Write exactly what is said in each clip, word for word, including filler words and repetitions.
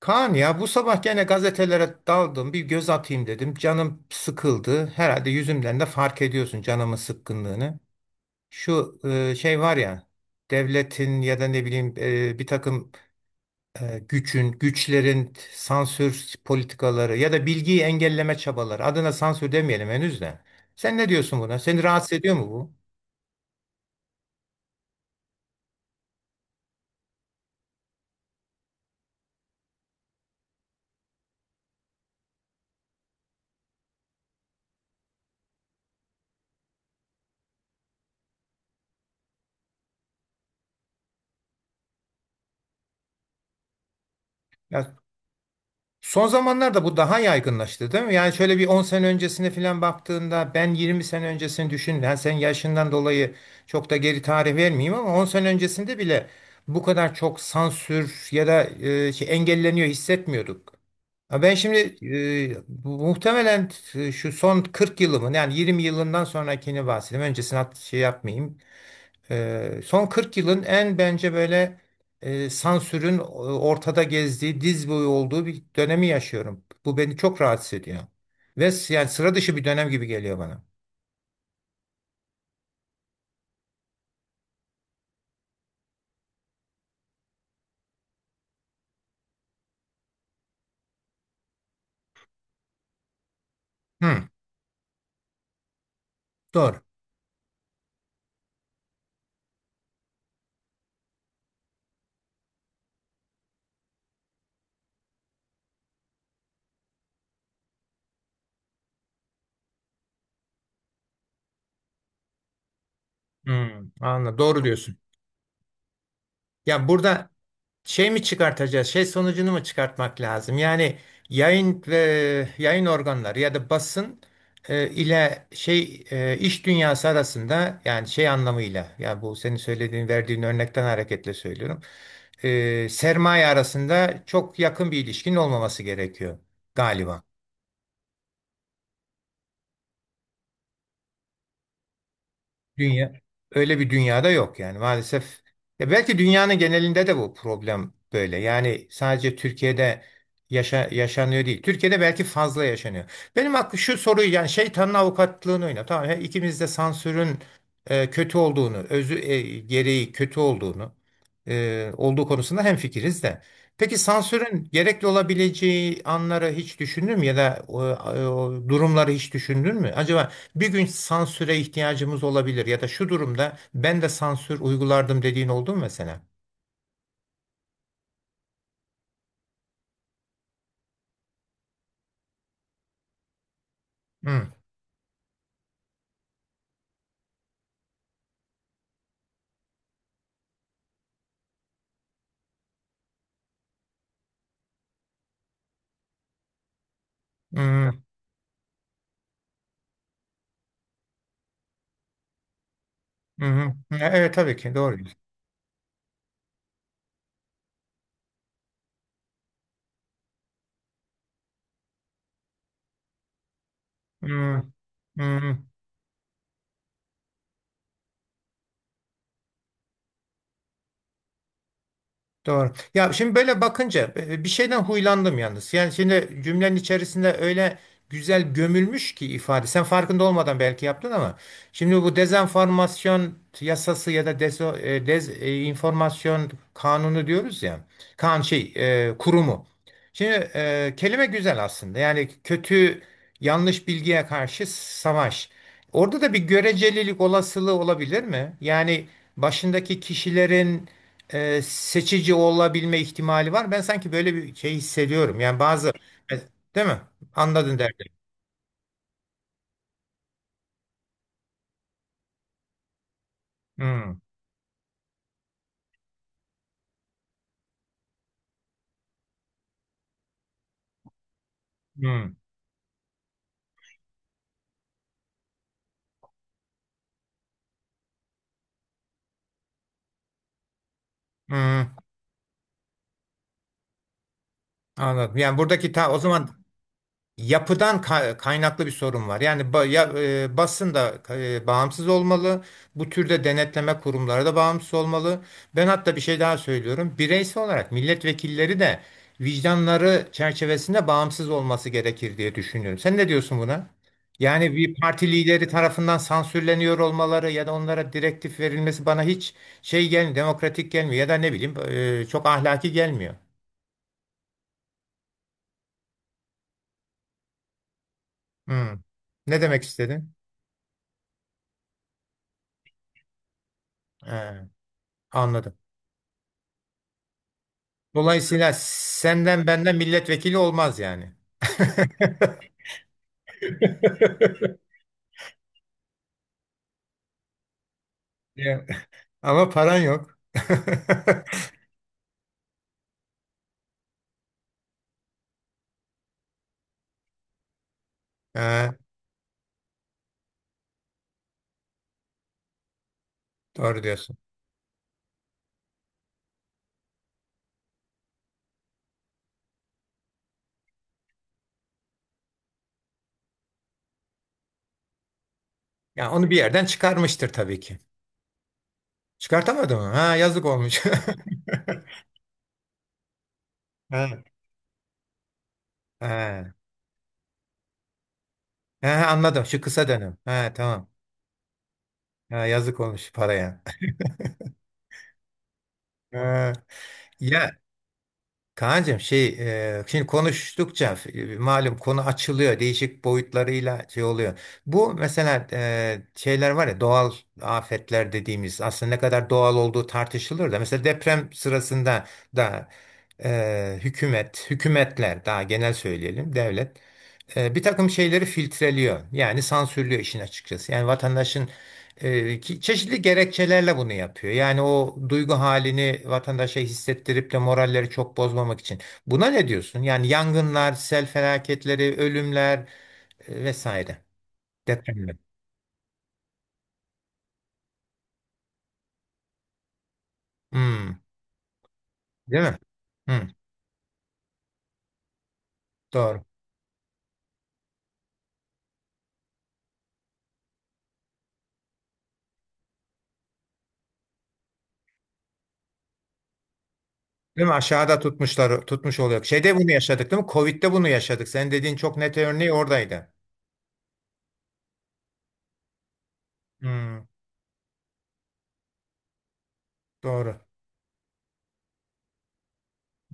Kaan ya bu sabah gene gazetelere daldım bir göz atayım dedim. Canım sıkıldı. Herhalde yüzümden de fark ediyorsun canımın sıkkınlığını. Şu e, şey var ya, devletin ya da ne bileyim e, bir takım e, gücün, güçlerin sansür politikaları ya da bilgiyi engelleme çabaları. Adına sansür demeyelim henüz de. Sen ne diyorsun buna? Seni rahatsız ediyor mu bu? Son zamanlarda bu daha yaygınlaştı değil mi? Yani şöyle bir on sene öncesine falan baktığında ben yirmi sene öncesini düşün. Yani sen yaşından dolayı çok da geri tarih vermeyeyim ama on sene öncesinde bile bu kadar çok sansür ya da e, şey, engelleniyor hissetmiyorduk. Ha, ben şimdi e, bu- muhtemelen e, şu son kırk yılımın yani yirmi yılından sonrakini bahsedeyim. Öncesini at- şey yapmayayım. Ee, son kırk yılın en bence böyle e, sansürün e, ortada gezdiği, diz boyu olduğu bir dönemi yaşıyorum. Bu beni çok rahatsız ediyor. Ve s- yani sıra dışı bir dönem gibi geliyor bana. Hı, doğru. Hı, anladım. Doğru diyorsun. Ya burada şey mi çıkartacağız? Şey sonucunu mu çıkartmak lazım? Yani yayın ve yayın organları ya da basın e, ile şey e, iş dünyası arasında yani şey anlamıyla ya bu senin söylediğin verdiğin örnekten hareketle söylüyorum. E, sermaye arasında çok yakın bir ilişkinin olmaması gerekiyor galiba. Dünya öyle bir dünyada yok yani maalesef. Ya belki dünyanın genelinde de bu problem böyle. Yani sadece Türkiye'de yaşa, yaşanıyor değil. Türkiye'de belki fazla yaşanıyor. Benim aklım şu soruyu yani şeytanın avukatlığını oyna. Tamam he, ikimiz de sansürün e, kötü olduğunu, özü e, gereği kötü olduğunu e, olduğu konusunda hemfikiriz de. Peki sansürün gerekli olabileceği anları hiç düşündün mü ya da o, o durumları hiç düşündün mü? Acaba bir gün sansüre ihtiyacımız olabilir ya da şu durumda ben de sansür uygulardım dediğin oldu mu mesela? Hı, hı, hı, hı. Evet tabii ki doğru. Hı, hı. Doğru. Ya şimdi böyle bakınca e, e, bir şeyden huylandım yalnız. Yani şimdi cümlenin içerisinde öyle güzel gömülmüş ki ifade. Sen farkında olmadan belki yaptın ama şimdi bu dezenformasyon yasası ya da dezo, e, dez, e, kanunu diyoruz ya. Kan şey e, kurumu. Şimdi e, kelime güzel aslında. Yani kötü yanlış bilgiye karşı savaş. Orada da bir görecelilik olasılığı olabilir mi? Yani başındaki kişilerin e, seçici olabilme ihtimali var. Ben sanki böyle bir şey hissediyorum. Yani bazı e, değil mi? Anladın derdim. Hmm, hmm, hmm. Anladım. Yani buradaki ta o zaman yapıdan ka- kaynaklı bir sorun var. Yani ba ya, e, basın da e, bağımsız olmalı. Bu türde denetleme kurumları da bağımsız olmalı. Ben hatta bir şey daha söylüyorum. Bireysel olarak milletvekilleri de vicdanları çerçevesinde bağımsız olması gerekir diye düşünüyorum. Sen ne diyorsun buna? Yani bir parti lideri tarafından sansürleniyor olmaları ya da onlara direktif verilmesi bana hiç şey gelmiyor, demokratik gelmiyor ya da ne bileyim e, çok ahlaki gelmiyor. Hmm. Ne demek istedin? Ee, anladım. Dolayısıyla senden benden milletvekili olmaz yani. Ya, Ama paran yok. Ha, doğru diyorsun. Ya onu bir yerden çıkarmıştır tabii ki. Çıkartamadı mı? Ha, yazık olmuş. Ha, ha. Ha, anladım. Şu kısa dönem. Ha, tamam. Ha, yazık olmuş paraya. Ha, ya Kaan'cığım şey e, şimdi konuştukça e, malum konu açılıyor değişik boyutlarıyla şey oluyor. Bu mesela e, şeyler var ya, doğal afetler dediğimiz aslında ne kadar doğal olduğu tartışılır da mesela deprem sırasında da e, hükümet, hükümetler daha genel söyleyelim devlet e, bir takım şeyleri filtreliyor. Yani sansürlüyor işin açıkçası. Yani vatandaşın e, ki- çeşitli gerekçelerle bunu yapıyor. Yani o duygu halini vatandaşa hissettirip de moralleri çok bozmamak için. Buna ne diyorsun? Yani yangınlar, sel felaketleri, ölümler e, vesaire. Depremler. Hmm, değil mi? Hmm, doğru. Değil mi? Aşağıda tutmuşlar, tutmuş oluyor. Şeyde bunu yaşadık değil mi? Covid'de bunu yaşadık. Sen dediğin çok net örneği oradaydı. Hmm, doğru.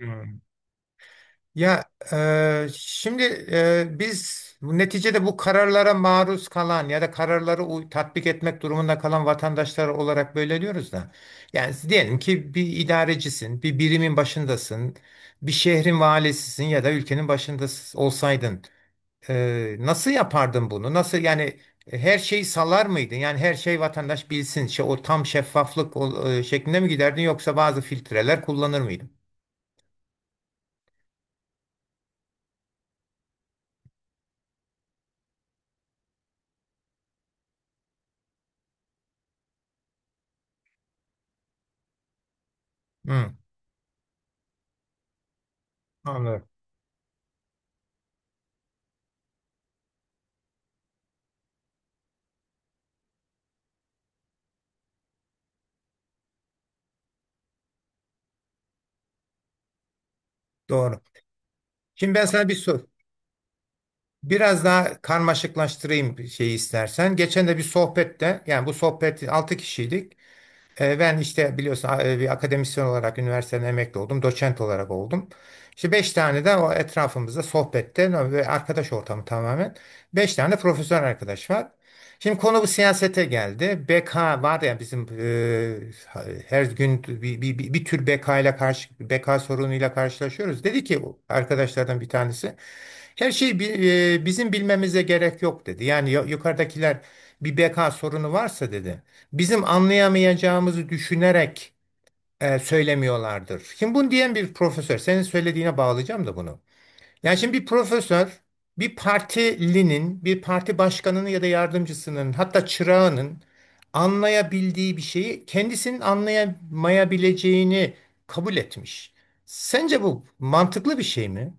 Hmm. Ya e, şimdi e, biz bu- neticede bu kararlara maruz kalan ya da kararları uy- tatbik etmek durumunda kalan vatandaşlar olarak böyle diyoruz da. Yani diyelim ki bir idarecisin, bir birimin başındasın, bir şehrin valisisin ya da ülkenin başında olsaydın. E, nasıl yapardın bunu? Nasıl yani e, her şeyi salar mıydın? Yani her şey vatandaş bilsin, şey, o tam şeffaflık o- e, şeklinde mi giderdin yoksa bazı filtreler kullanır mıydın? Hı, anlıyorum. Doğru. Şimdi ben sana bir sor. Biraz daha karmaşıklaştırayım şeyi istersen. Geçen de bir sohbette yani bu sohbet altı kişiydik. E, Ben işte biliyorsun e, bir akademisyen olarak üniversiteden emekli oldum. Doçent olarak oldum. İşte beş tane de o etrafımızda sohbette no, ve arkadaş ortamı tamamen. Beş tane de profesyonel arkadaş var. Şimdi konu bu siyasete geldi. B K var ya bizim e, her gün bir, bir, bir, bir tür B K ile karşı B K sorunuyla karşılaşıyoruz. Dedi ki arkadaşlardan bir tanesi her şeyi bi- e, bizim bilmemize gerek yok dedi. Yani yu- yukarıdakiler bir B K sorunu varsa dedi bizim anlayamayacağımızı düşünerek e, söylemiyorlardır. Şimdi bunu diyen bir profesör, senin söylediğine bağlayacağım da bunu. Yani şimdi bir profesör, bir partilinin, bir parti başkanının ya da yardımcısının, hatta çırağının anlayabildiği bir şeyi kendisinin anlayamayabileceğini kabul etmiş. Sence bu mantıklı bir şey mi?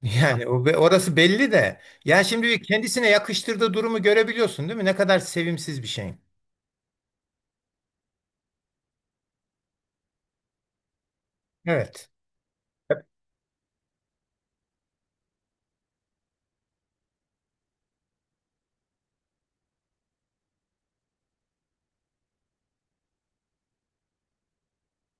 Yani o- orası belli de. Ya şimdi bir kendisine yakıştırdığı durumu görebiliyorsun, değil mi? Ne kadar sevimsiz bir şey. Evet.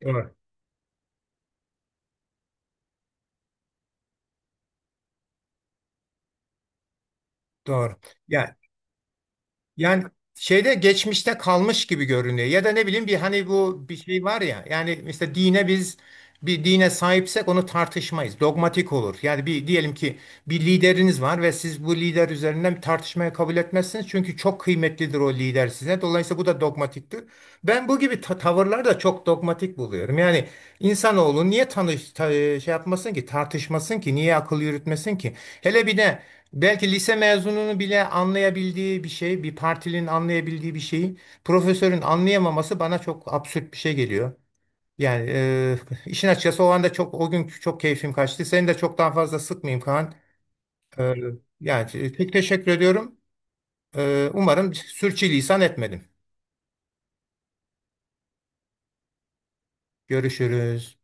Evet. Doğru. Yani, yani şeyde geçmişte kalmış gibi görünüyor. Ya da ne bileyim bir hani bu bir şey var ya. Yani mesela dine biz bir dine sahipsek onu tartışmayız. Dogmatik olur. Yani bir diyelim ki bir lideriniz var ve siz bu lider üzerinden bir tartışmaya kabul etmezsiniz. Çünkü çok kıymetlidir o lider size. Dolayısıyla bu da dogmatiktir. Ben bu gibi ta- tavırları da çok dogmatik buluyorum. Yani insanoğlu niye tanış ta- şey yapmasın ki, tartışmasın ki, niye akıl yürütmesin ki? Hele bir de Belki lise mezununu bile anlayabildiği bir şey, bir partilinin anlayabildiği bir şeyi profesörün anlayamaması bana çok absürt bir şey geliyor. Yani e, işin açıkçası o anda çok o gün çok keyfim kaçtı. Seni de çok daha fazla sıkmayayım Kaan. E, yani çok teşekkür ediyorum. E, umarım sürçülisan etmedim. Görüşürüz.